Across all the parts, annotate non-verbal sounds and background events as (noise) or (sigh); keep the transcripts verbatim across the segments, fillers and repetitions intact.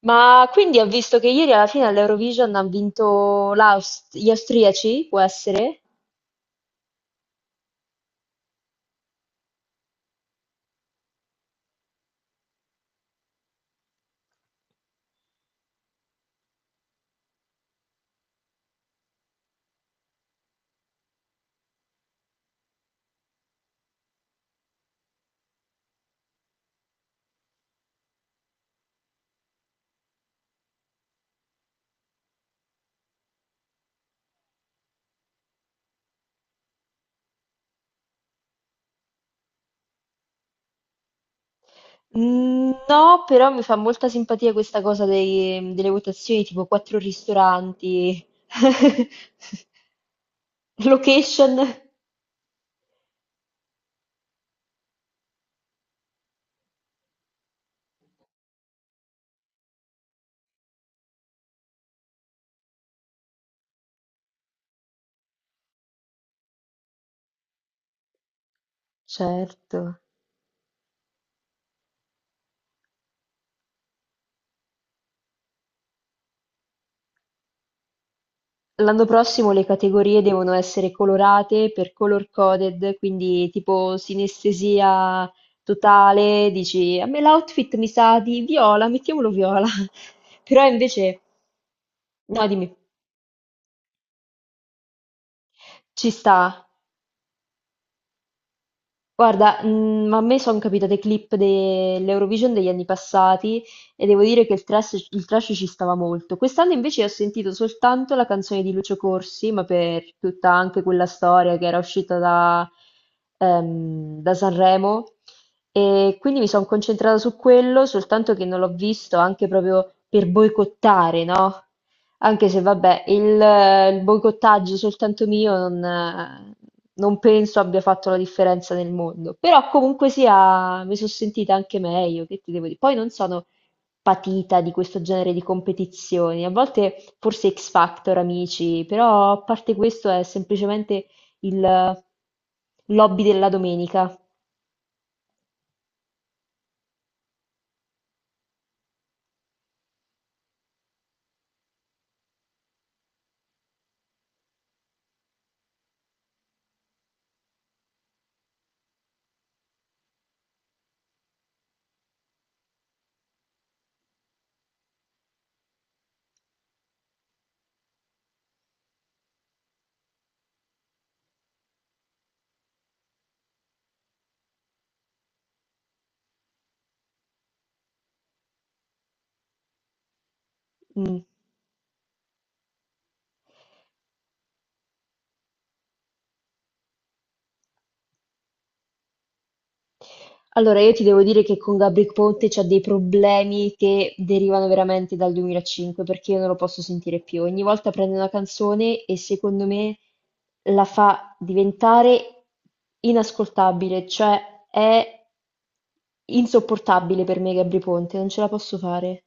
Ma quindi ho visto che ieri alla fine all'Eurovision hanno vinto l'Aust- gli austriaci, può essere? Mm, No, però mi fa molta simpatia questa cosa dei- delle votazioni, tipo quattro ristoranti, (laughs) location. Certo. L'anno prossimo le categorie devono essere colorate per color coded, quindi tipo sinestesia totale, dici a me l'outfit mi sa di viola, mettiamolo viola. (laughs) Però invece no, dimmi. Ci sta. Guarda, mm, a me sono capitate clip dell'Eurovision degli anni passati e devo dire che il trash, il trash ci stava molto. Quest'anno invece ho sentito soltanto la canzone di Lucio Corsi, ma per tutta anche quella storia che era uscita da, ehm, da Sanremo. E quindi mi sono concentrata su quello, soltanto che non l'ho visto anche proprio per boicottare, no? Anche se vabbè, il, eh, il boicottaggio soltanto mio non, eh, non penso abbia fatto la differenza nel mondo, però comunque sia mi sono sentita anche meglio, che ti devo dire. Poi non sono patita di questo genere di competizioni, a volte forse X Factor, amici, però a parte questo è semplicemente il lobby della domenica. Mm. Allora, io ti devo dire che con Gabri Ponte c'ho dei problemi che derivano veramente dal duemilacinque, perché io non lo posso sentire più. Ogni volta prende una canzone e secondo me la fa diventare inascoltabile, cioè è insopportabile per me Gabri Ponte, non ce la posso fare.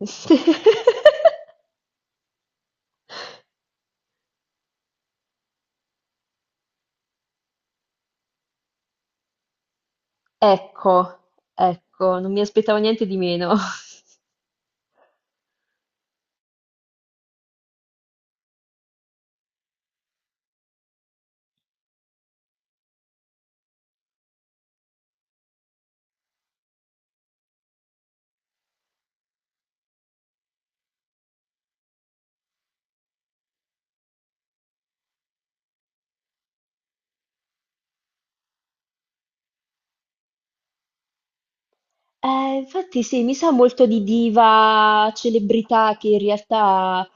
(laughs) Ecco, ecco, non mi aspettavo niente di meno. Eh, infatti sì, mi sa molto di diva, celebrità che in realtà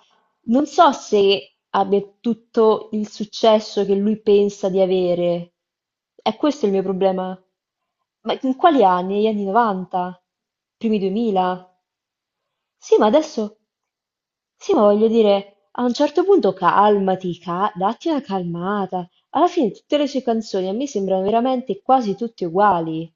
non so se abbia tutto il successo che lui pensa di avere. È questo il mio problema. Ma in quali anni? Negli anni novanta? Primi duemila? Sì, ma adesso... Sì, ma voglio dire, a un certo punto calmati, ca- datti una calmata. Alla fine tutte le sue canzoni a me sembrano veramente quasi tutte uguali.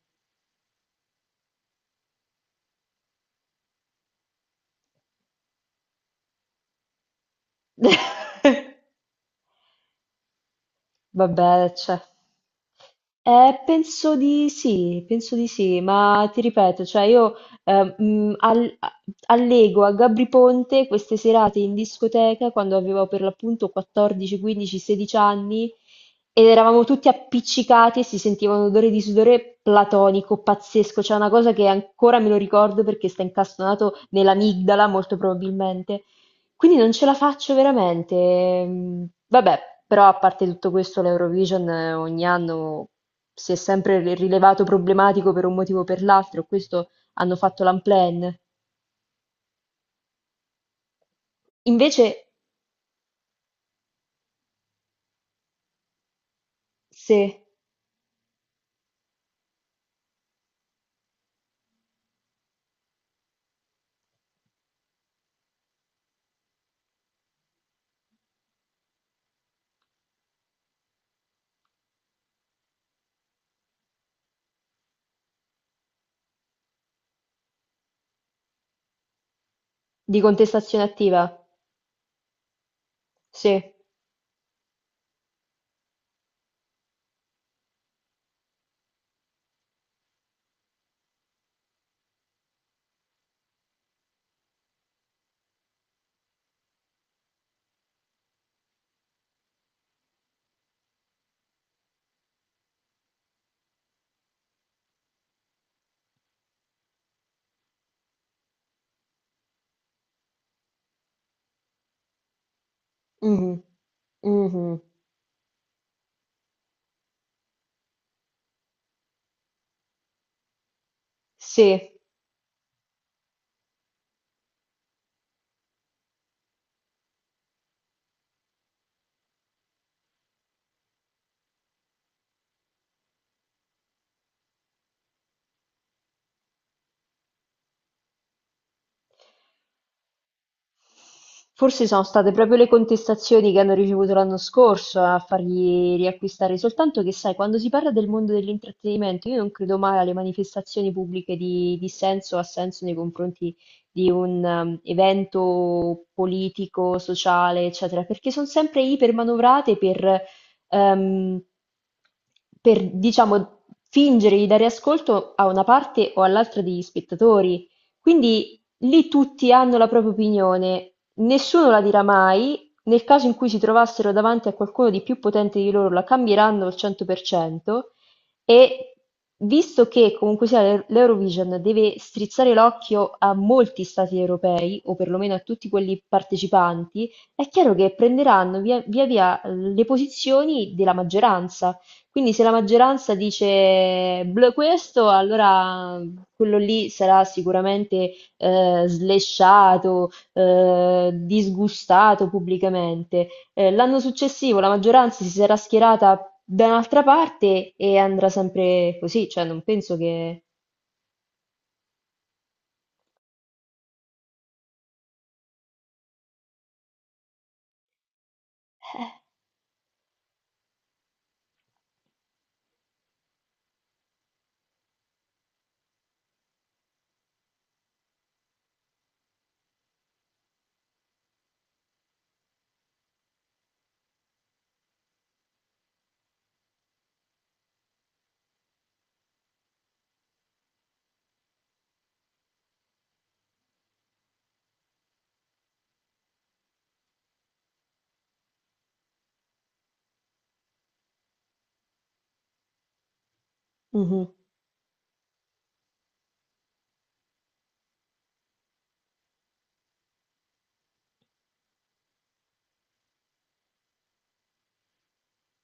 (laughs) Vabbè, cioè. Eh, penso di sì, penso di sì, ma ti ripeto, cioè io eh, mh, al- a- allego a Gabri Ponte queste serate in discoteca quando avevo per l'appunto quattordici, quindici, sedici anni ed eravamo tutti appiccicati e si sentiva un odore di sudore platonico, pazzesco, c'è una cosa che ancora me lo ricordo perché sta incastonato nell'amigdala molto probabilmente. Quindi non ce la faccio veramente. Mhmm, Vabbè, però a parte tutto questo l'Eurovision eh, ogni anno si è sempre ri- rilevato problematico per un motivo o per l'altro, questo hanno fatto l'unplanned. Invece se, di contestazione attiva, sì, mh-mh, mh-mh, sì. Forse sono state proprio le contestazioni che hanno ricevuto l'anno scorso a fargli riacquistare, soltanto che sai, quando si parla del mondo dell'intrattenimento, io non credo mai alle manifestazioni pubbliche di dissenso o assenso nei confronti di un ehm, evento politico, sociale, eccetera, perché sono sempre ipermanovrate per, ehm, per, diciamo, fingere di dare ascolto a una parte o all'altra degli spettatori. Quindi lì tutti hanno la propria opinione. Nessuno la dirà mai, nel caso in cui si trovassero davanti a qualcuno di più potente di loro la cambieranno al cento per cento e visto che comunque sia l'E- l'Eurovision deve strizzare l'occhio a molti stati europei o perlomeno a tutti quelli partecipanti, è chiaro che prenderanno via via, via le posizioni della maggioranza. Quindi se la maggioranza dice "Bleh, questo, allora quello lì sarà sicuramente eh, slesciato, eh, disgustato pubblicamente. Eh, l'anno successivo la maggioranza si sarà schierata da un'altra parte e andrà sempre così, cioè non penso che... Mhm,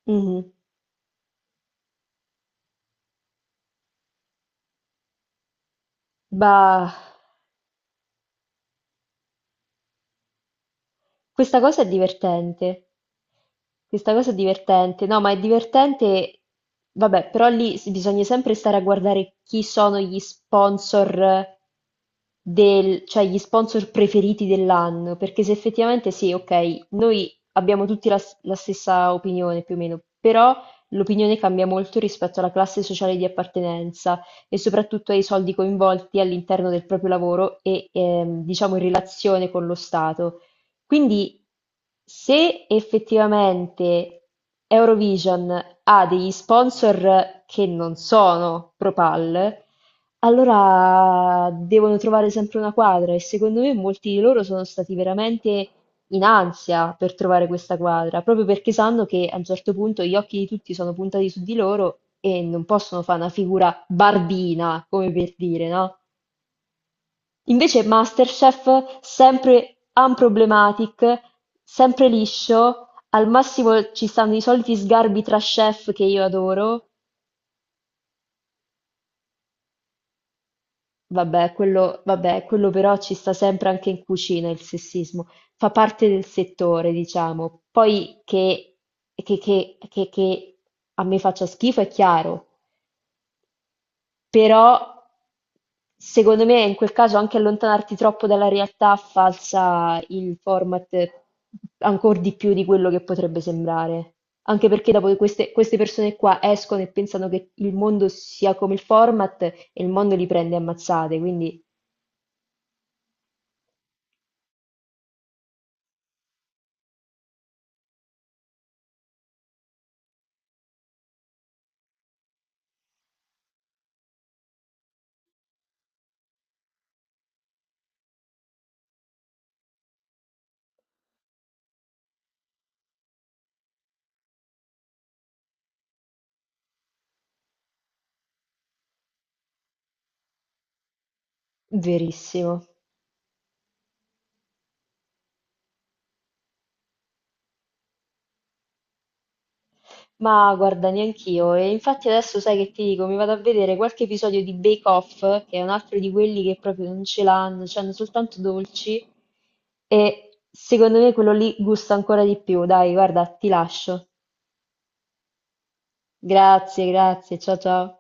mhm. Bah. Questa cosa è divertente. Questa cosa è divertente. No, ma è divertente. Vabbè, però lì s- bisogna sempre stare a guardare chi sono gli sponsor del, cioè gli sponsor preferiti dell'anno, perché se effettivamente sì, ok, noi abbiamo tutti la, s- la stessa opinione più o meno, però l'opinione cambia molto rispetto alla classe sociale di appartenenza e soprattutto ai soldi coinvolti all'interno del proprio lavoro e ehm, diciamo in relazione con lo Stato. Quindi se effettivamente Eurovision ha degli sponsor che non sono ProPal, allora devono trovare sempre una quadra e secondo me molti di loro sono stati veramente in ansia per trovare questa quadra, proprio perché sanno che a un certo punto gli occhi di tutti sono puntati su di loro e non possono fare una figura barbina, come per dire, no? Invece Masterchef, sempre "unproblematic", sempre liscio, al massimo ci stanno i soliti sgarbi tra chef che io adoro, vabbè quello vabbè, quello però ci sta sempre anche in cucina il sessismo, fa parte del settore diciamo, poi che che che che che a me faccia schifo è chiaro. Però secondo me in quel caso anche allontanarti troppo dalla realtà falsa il format ancor di più di quello che potrebbe sembrare. Anche perché dopo queste, queste persone qua escono e pensano che il mondo sia come il format e il mondo li prende a mazzate, quindi verissimo. Ma guarda, neanch'io. E infatti adesso sai che ti dico, mi vado a vedere qualche episodio di Bake Off, che è un altro di quelli che proprio non ce l'hanno, cioè hanno soltanto dolci. E secondo me quello lì gusta ancora di più. Dai, guarda, ti lascio. Grazie, grazie. Ciao ciao.